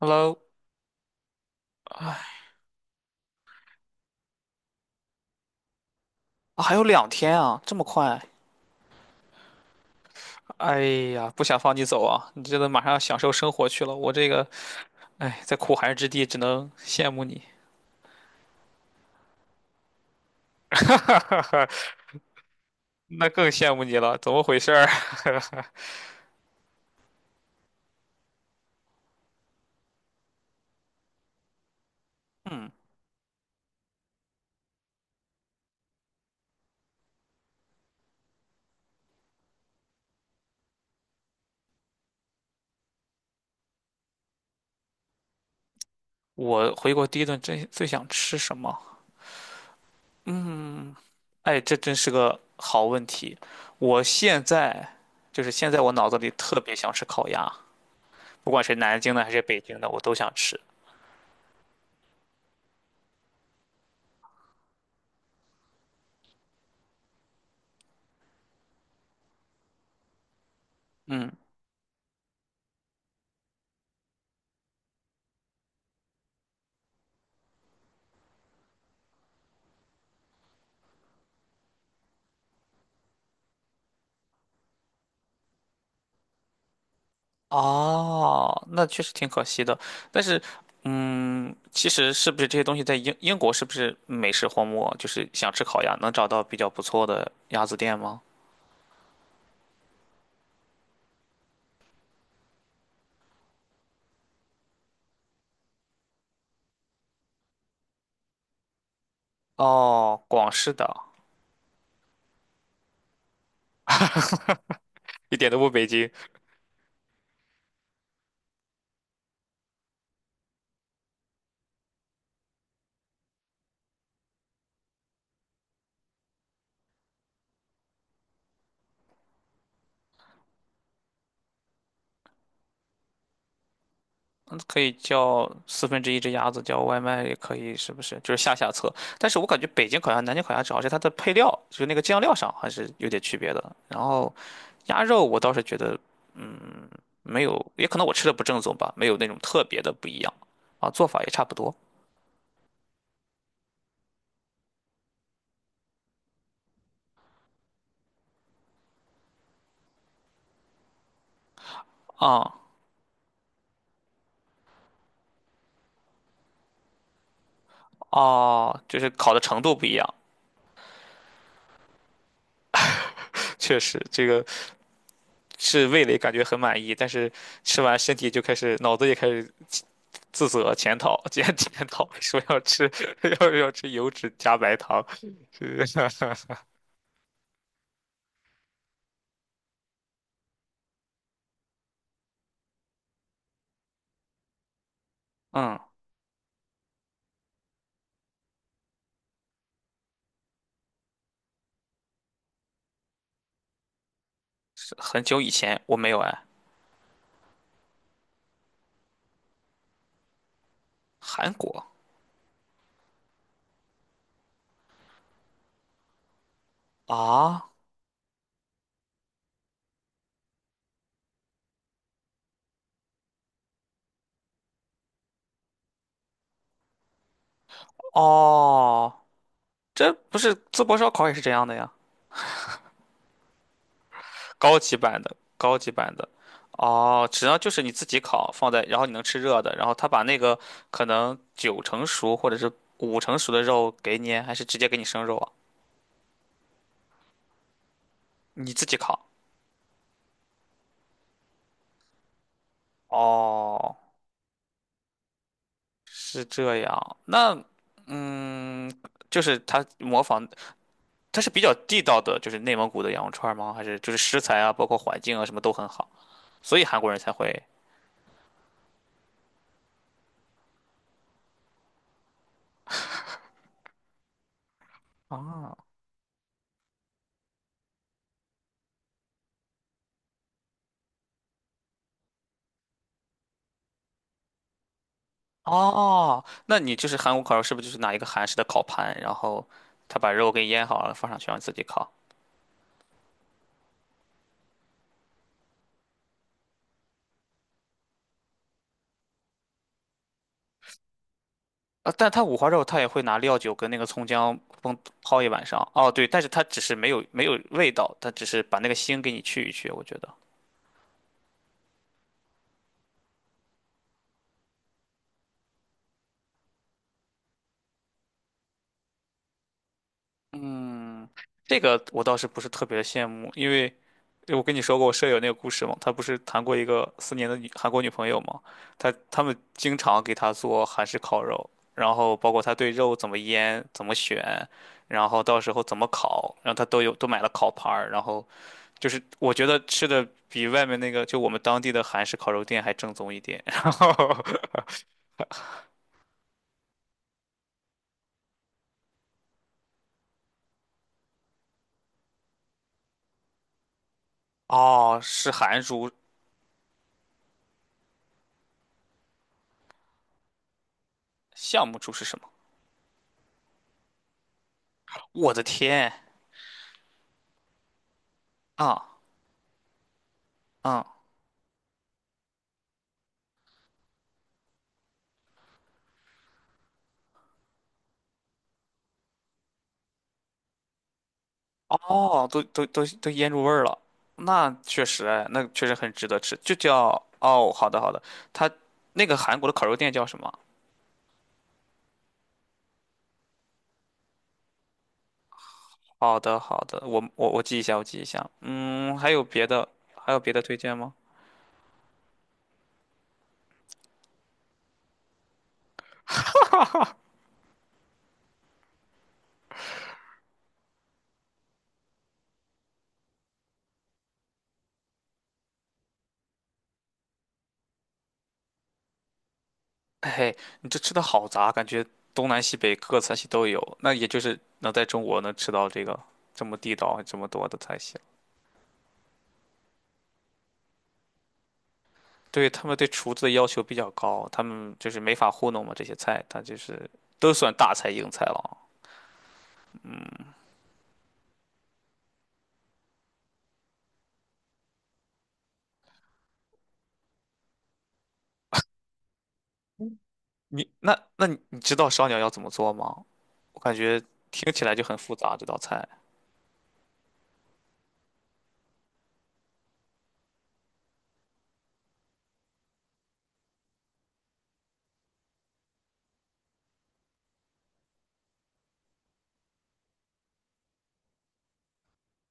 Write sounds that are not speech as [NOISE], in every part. Hello，啊还有两天啊，这么快？哎呀，不想放你走啊！你这都马上要享受生活去了，我这个，哎，在苦寒之地只能羡慕你。[LAUGHS] 那更羡慕你了，怎么回事儿？[LAUGHS] 嗯，我回国第一顿真最想吃什么？哎，这真是个好问题。我现在就是现在，我脑子里特别想吃烤鸭，不管是南京的还是北京的，我都想吃。嗯。哦，那确实挺可惜的。但是，嗯，其实是不是这些东西在英国是不是美食荒漠？就是想吃烤鸭，能找到比较不错的鸭子店吗？哦，广式的，一点都不北京。嗯，可以叫四分之一只鸭子，叫外卖也可以，是不是？就是下下策。但是我感觉北京烤鸭、南京烤鸭，主要是它的配料，就是那个酱料上还是有点区别的。然后鸭肉，我倒是觉得，嗯，没有，也可能我吃的不正宗吧，没有那种特别的不一样啊，做法也差不多啊。哦，就是烤的程度不一样。[LAUGHS] 确实，这个是味蕾感觉很满意，但是吃完身体就开始脑子也开始自责检讨 [LAUGHS]，说要吃 [LAUGHS] 要吃油脂加白糖，是 [LAUGHS] 嗯，是很久以前我没有哎，韩国啊。哦，这不是淄博烧烤也是这样的呀，高级版的高级版的。哦，只要就是你自己烤，放在，然后你能吃热的，然后他把那个可能九成熟或者是五成熟的肉给你，还是直接给你生肉啊？你自己烤？哦，是这样。那嗯，就是它模仿，它是比较地道的，就是内蒙古的羊肉串吗？还是就是食材啊，包括环境啊，什么都很好，所以韩国人才会啊。哦，那你就是韩国烤肉，是不是就是拿一个韩式的烤盘，然后他把肉给腌好了放上去，让你自己烤？啊，但他五花肉他也会拿料酒跟那个葱姜烹泡一晚上。哦，对，但是他只是没有味道，他只是把那个腥给你去一去，我觉得。嗯，这个我倒是不是特别的羡慕，因为我跟你说过我舍友那个故事嘛，他不是谈过一个4年的女韩国女朋友嘛，他们经常给他做韩式烤肉，然后包括他对肉怎么腌、怎么选，然后到时候怎么烤，然后他都有都买了烤盘儿，然后就是我觉得吃的比外面那个就我们当地的韩式烤肉店还正宗一点。[LAUGHS] 然后哦，是韩厨，项目厨是什么？我的天啊！啊！嗯。哦，都腌入味儿了，那确实哎，那确实很值得吃，就叫。哦，好的好的，它那个韩国的烤肉店叫什么？好的好的，我记一下，我记一下。嗯，还有别的推荐吗？嘿，嘿，你这吃的好杂，感觉东南西北各个菜系都有，那也就是能在中国能吃到这个这么地道这么多的菜系。对，他们对厨子的要求比较高，他们就是没法糊弄嘛，这些菜它就是都算大菜硬菜了。你那那你你知道烧鸟要怎么做吗？我感觉听起来就很复杂这道菜。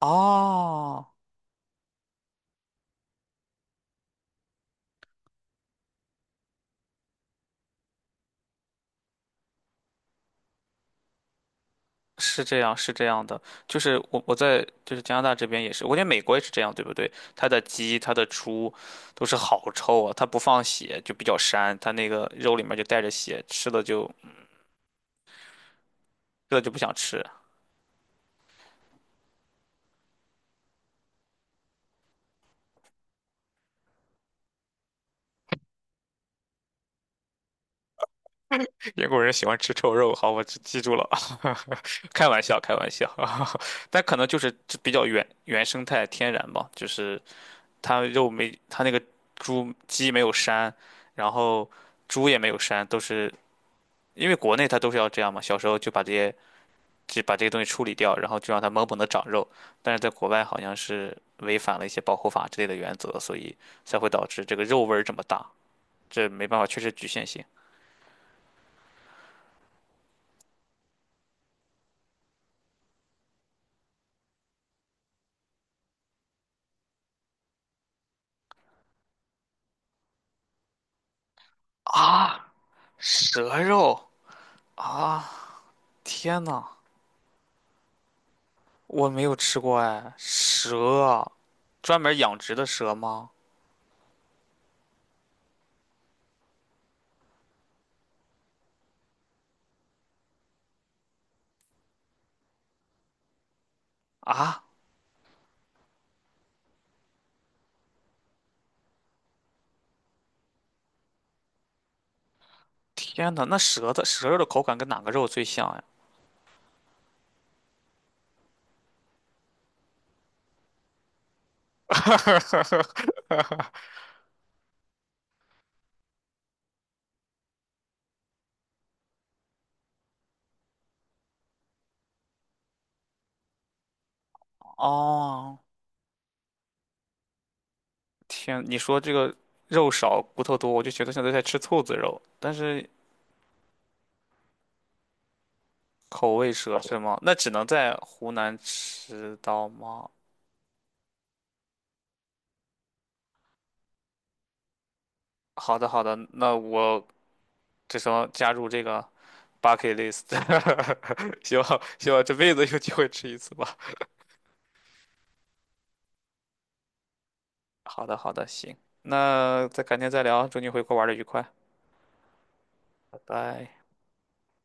哦，是这样，是这样的，就是我在就是加拿大这边也是，我觉得美国也是这样，对不对？它的鸡、它的猪都是好臭啊，它不放血就比较膻，它那个肉里面就带着血，吃了就不想吃。[LAUGHS] 英国人喜欢吃臭肉，好，我记记住了。[LAUGHS] 开玩笑，开玩笑。[LAUGHS] 但可能就是比较原生态天然吧，就是。它肉没，它那个猪鸡没有膻，然后猪也没有膻，都是因为国内它都是要这样嘛，小时候就把这些东西处理掉，然后就让它猛猛的长肉，但是在国外好像是违反了一些保护法之类的原则，所以才会导致这个肉味儿这么大，这没办法，确实局限性啊，蛇肉啊，天呐，我没有吃过哎，蛇，专门养殖的蛇吗？啊？天呐，那舌的舌肉的口感跟哪个肉最像呀？哦，天，你说这个肉少骨头多，我就觉得像在吃兔子肉，但是口味蛇是吗？那只能在湖南吃到吗？好的，好的，那我这时候加入这个 bucket list，[LAUGHS] 希望这辈子有机会吃一次吧。好的，好的，行，那再改天再聊，祝你回国玩的愉快，拜拜。